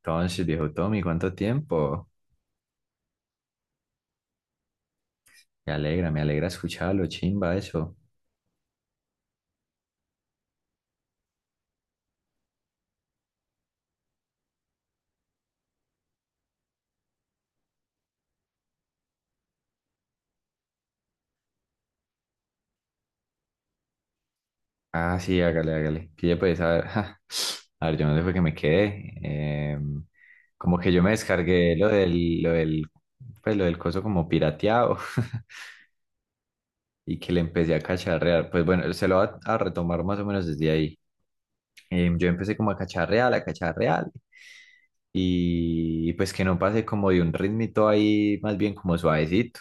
Entonces, viejo Tommy, ¿cuánto tiempo? Me alegra escucharlo, chimba eso. Ah, sí, hágale, hágale. Pille pues, a ver, ja. A ver, yo no sé fue que me quedé. Em, Como que yo me descargué lo del, pues, lo del coso como pirateado, y que le empecé a cacharrear. Pues bueno, se lo va a retomar más o menos desde ahí. Yo empecé como a cacharrear, a cacharrear. Y pues que no pase como de un ritmito ahí, más bien como suavecito.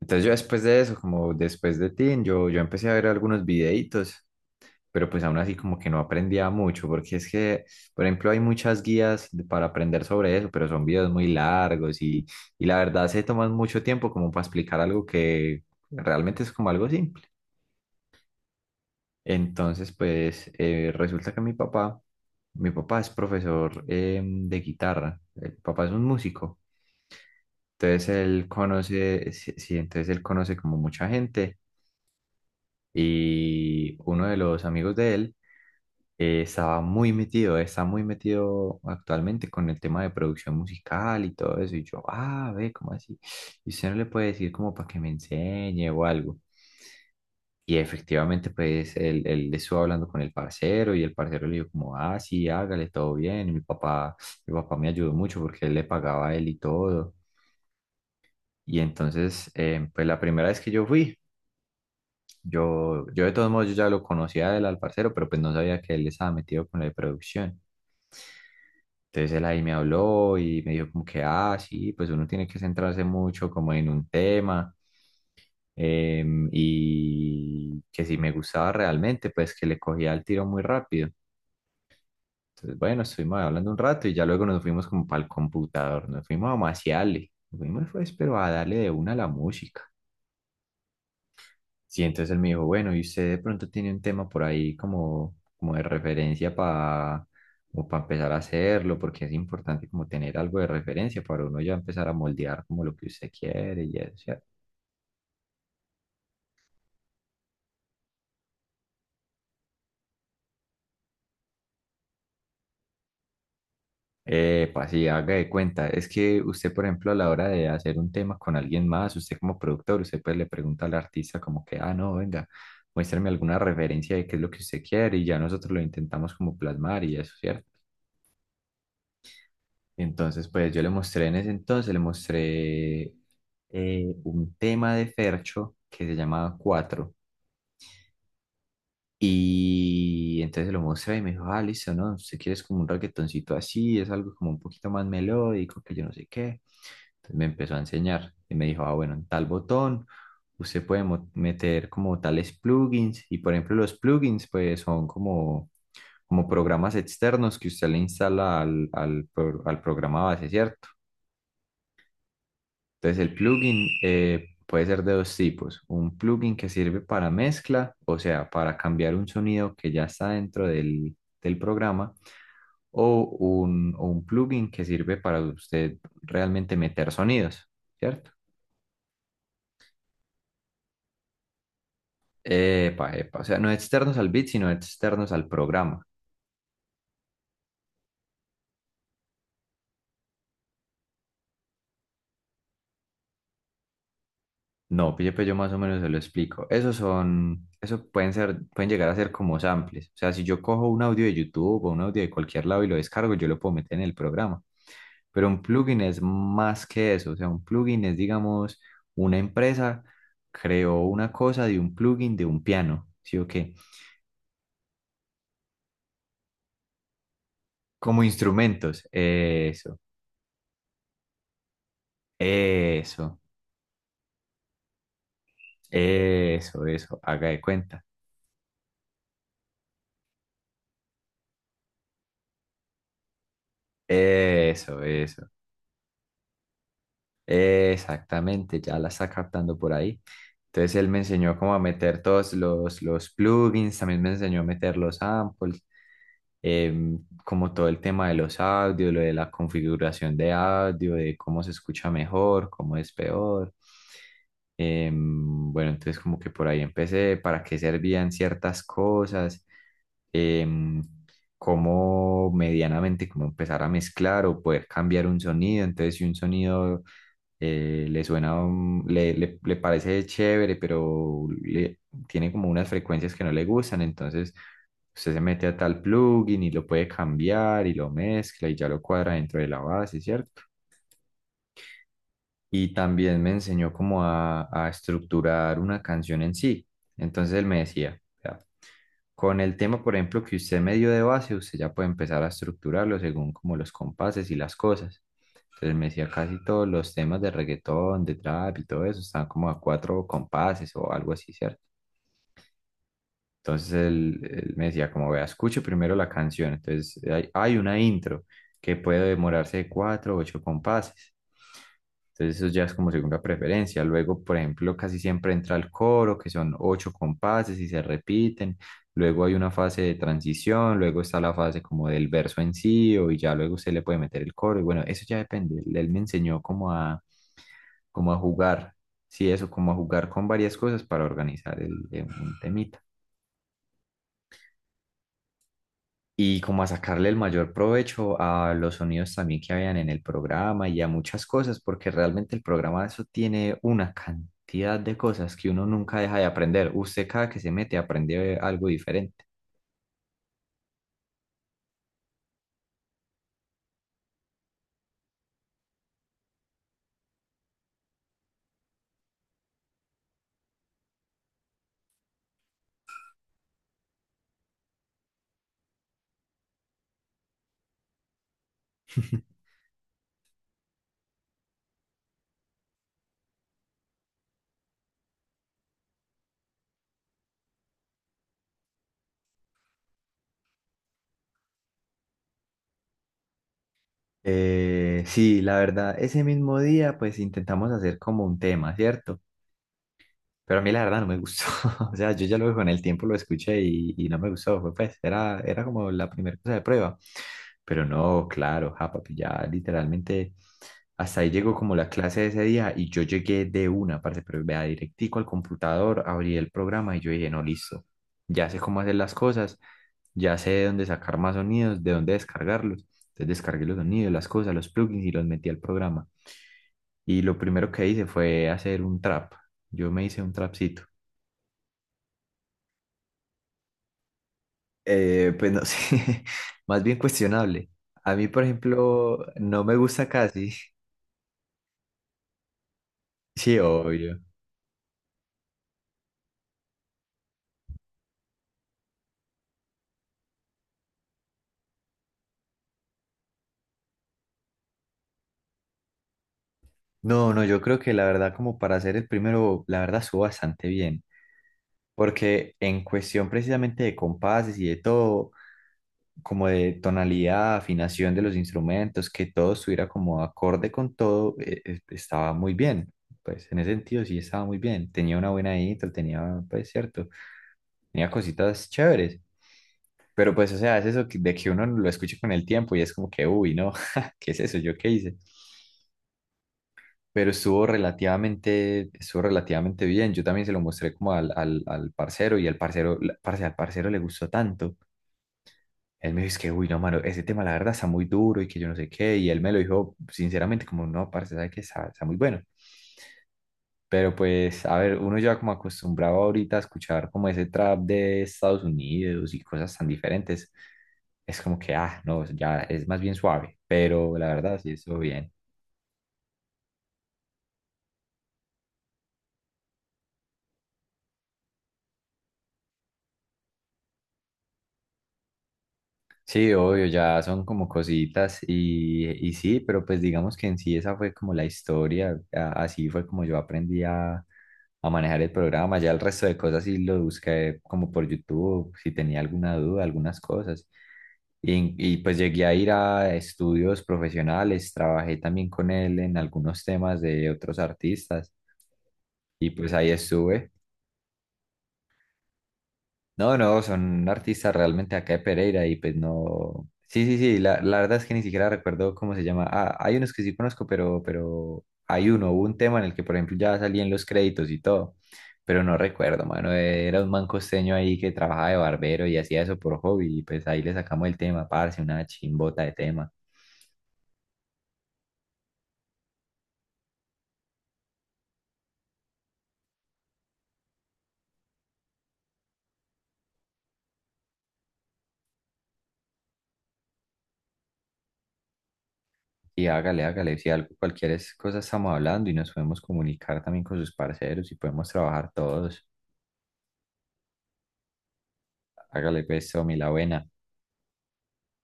Entonces yo después de eso, como después de Teen, yo empecé a ver algunos videitos, pero pues aún así como que no aprendía mucho, porque es que, por ejemplo, hay muchas para aprender sobre eso, pero son videos muy largos y la verdad se toman mucho tiempo como para explicar algo que realmente es como algo simple. Entonces, pues resulta que mi papá es profesor de guitarra, el papá es un músico. Entonces él conoce, sí, sí, entonces él conoce como mucha gente. Y uno de los amigos de él estaba muy metido, está muy metido actualmente con el tema de producción musical y todo eso. Y yo, ah, ve, ¿cómo así? Y usted no le puede decir como para que me enseñe o algo. Y efectivamente, pues él estuvo hablando con el parcero y el parcero le dijo como, ah, sí, hágale, todo bien. Y mi papá me ayudó mucho porque él le pagaba a él y todo. Y entonces, pues la primera vez que yo fui, yo de todos modos yo ya lo conocía del al parcero, pero pues no sabía que él estaba metido con la de producción. Entonces él ahí me habló y me dijo como que, ah, sí, pues uno tiene que centrarse mucho como en un tema, y que si me gustaba realmente, pues que le cogía el tiro muy rápido. Entonces, bueno, estuvimos hablando un rato y ya luego nos fuimos como para el computador, nos fuimos a maciarle, nos fuimos pues, pero a darle de una a la música. Sí, entonces él me dijo, bueno, y usted de pronto tiene un tema por ahí como, como de referencia para empezar a hacerlo, porque es importante como tener algo de referencia para uno ya empezar a moldear como lo que usted quiere y eso, ¿cierto? Epa, sí, haga de cuenta. Es que usted, por ejemplo, a la hora de hacer un tema con alguien más, usted como productor, usted pues le pregunta al artista como que, ah, no, venga, muéstrame alguna referencia de qué es lo que usted quiere y ya nosotros lo intentamos como plasmar y eso, ¿cierto? Entonces, pues yo le mostré en ese entonces, le mostré un tema de Fercho que se llamaba Cuatro. Y entonces se lo mostré y me dijo, ah, listo, ¿no? Si quieres como un reggaetoncito así, es algo como un poquito más melódico, que yo no sé qué. Entonces me empezó a enseñar y me dijo, ah, bueno, en tal botón usted puede meter como tales plugins. Y por ejemplo, los plugins, pues son como, como programas externos que usted le instala al al programa base, ¿cierto? Entonces el plugin puede ser de dos tipos. Un plugin que sirve para mezcla, o sea, para cambiar un sonido que ya está dentro del, del programa, o un plugin que sirve para usted realmente meter sonidos, ¿cierto? Epa, epa, o sea, no externos al bit, sino externos al programa. No, pille, pues yo más o menos se lo explico. Esos son, eso pueden ser, pueden llegar a ser como samples. O sea, si yo cojo un audio de YouTube o un audio de cualquier lado y lo descargo, yo lo puedo meter en el programa. Pero un plugin es más que eso, o sea, un plugin es, digamos, una empresa creó una cosa de un plugin de un piano, ¿sí o qué? Como instrumentos, eso, eso, haga de cuenta, eso, exactamente, ya la está captando por ahí. Entonces él me enseñó cómo a meter todos los plugins, también me enseñó a meter los samples, como todo el tema de los audios, lo de la configuración de audio, de cómo se escucha mejor, cómo es peor. Bueno, entonces como que por ahí empecé, para qué servían ciertas cosas, em, cómo medianamente, como empezar a mezclar o poder cambiar un sonido. Entonces, si un sonido le suena, le parece chévere, pero le, tiene como unas frecuencias que no le gustan, entonces usted se mete a tal plugin y lo puede cambiar y lo mezcla y ya lo cuadra dentro de la base, ¿cierto? Y también me enseñó cómo a estructurar una canción en sí. Entonces él me decía, "Vea, con el tema, por ejemplo, que usted me dio de base, usted ya puede empezar a estructurarlo según como los compases y las cosas". Entonces me decía, casi todos los temas de reggaetón, de trap y todo eso, están como a cuatro compases o algo así, ¿cierto? Entonces él me decía, como vea, escuche primero la canción. Entonces hay una intro que puede demorarse de cuatro o ocho compases. Entonces eso ya es como segunda preferencia. Luego, por ejemplo, casi siempre entra el coro, que son ocho compases y se repiten. Luego hay una fase de transición, luego está la fase como del verso en sí, o y ya luego usted le puede meter el coro. Y bueno, eso ya depende. Él me enseñó como a, como a jugar, sí, eso, como a jugar con varias cosas para organizar el, un temita. Y como a sacarle el mayor provecho a los sonidos también que habían en el programa y a muchas cosas, porque realmente el programa eso tiene una cantidad de cosas que uno nunca deja de aprender. Usted cada que se mete aprende algo diferente. Sí, la verdad, ese mismo día pues intentamos hacer como un tema, ¿cierto? Pero a mí la verdad no me gustó. O sea, yo ya luego con el tiempo lo escuché y no me gustó. Fue, pues era, era como la primera cosa de prueba. Pero no, claro, ja, papi, ya literalmente hasta ahí llegó como la clase de ese día y yo llegué de una parte, pero vea, directico al computador, abrí el programa y yo dije, no, listo, ya sé cómo hacer las cosas, ya sé de dónde sacar más sonidos, de dónde descargarlos. Entonces descargué los sonidos, las cosas, los plugins y los metí al programa. Y lo primero que hice fue hacer un trap. Yo me hice un trapcito. Pues no sé, más bien cuestionable. A mí, por ejemplo, no me gusta casi. Sí, obvio. No, no, yo creo que la verdad como para ser el primero, la verdad estuvo bastante bien, porque en cuestión precisamente de compases y de todo, como de tonalidad, afinación de los instrumentos, que todo estuviera como acorde con todo, estaba muy bien. Pues en ese sentido sí estaba muy bien. Tenía una buena intro, tenía, pues cierto, tenía cositas chéveres. Pero pues, o sea, es eso de que uno lo escuche con el tiempo y es como que, uy, no, ¿qué es eso? ¿Yo qué hice? Pero estuvo relativamente bien. Yo también se lo mostré como al, al, al parcero y al parcero, parce, al parcero le gustó tanto. Él me dijo, es que, uy, no, mano, ese tema la verdad está muy duro y que yo no sé qué. Y él me lo dijo sinceramente como, no, parce, sabe que está, está muy bueno. Pero pues, a ver, uno ya como acostumbrado ahorita a escuchar como ese trap de Estados Unidos y cosas tan diferentes, es como que, ah, no, ya es más bien suave. Pero la verdad, sí, estuvo bien. Sí, obvio, ya son como cositas y sí, pero pues digamos que en sí esa fue como la historia, así fue como yo aprendí a manejar el programa, ya el resto de cosas sí lo busqué como por YouTube, si tenía alguna duda, algunas cosas. Y pues llegué a ir a estudios profesionales, trabajé también con él en algunos temas de otros artistas y pues ahí estuve. No, no, son artistas realmente acá de Pereira y pues no. Sí, sí, sí, la verdad es que ni siquiera recuerdo cómo se llama. Ah, hay unos que sí conozco, pero hay uno, hubo un tema en el que, por ejemplo, ya salían los créditos y todo, pero no recuerdo, mano. Era un man costeño ahí que trabajaba de barbero y hacía eso por hobby y pues ahí le sacamos el tema, parce, una chimbota de tema. Y hágale, hágale, si algo, cualquier cosa estamos hablando y nos podemos comunicar también con sus parceros y podemos trabajar todos. Hágale pues, Tommy, la buena.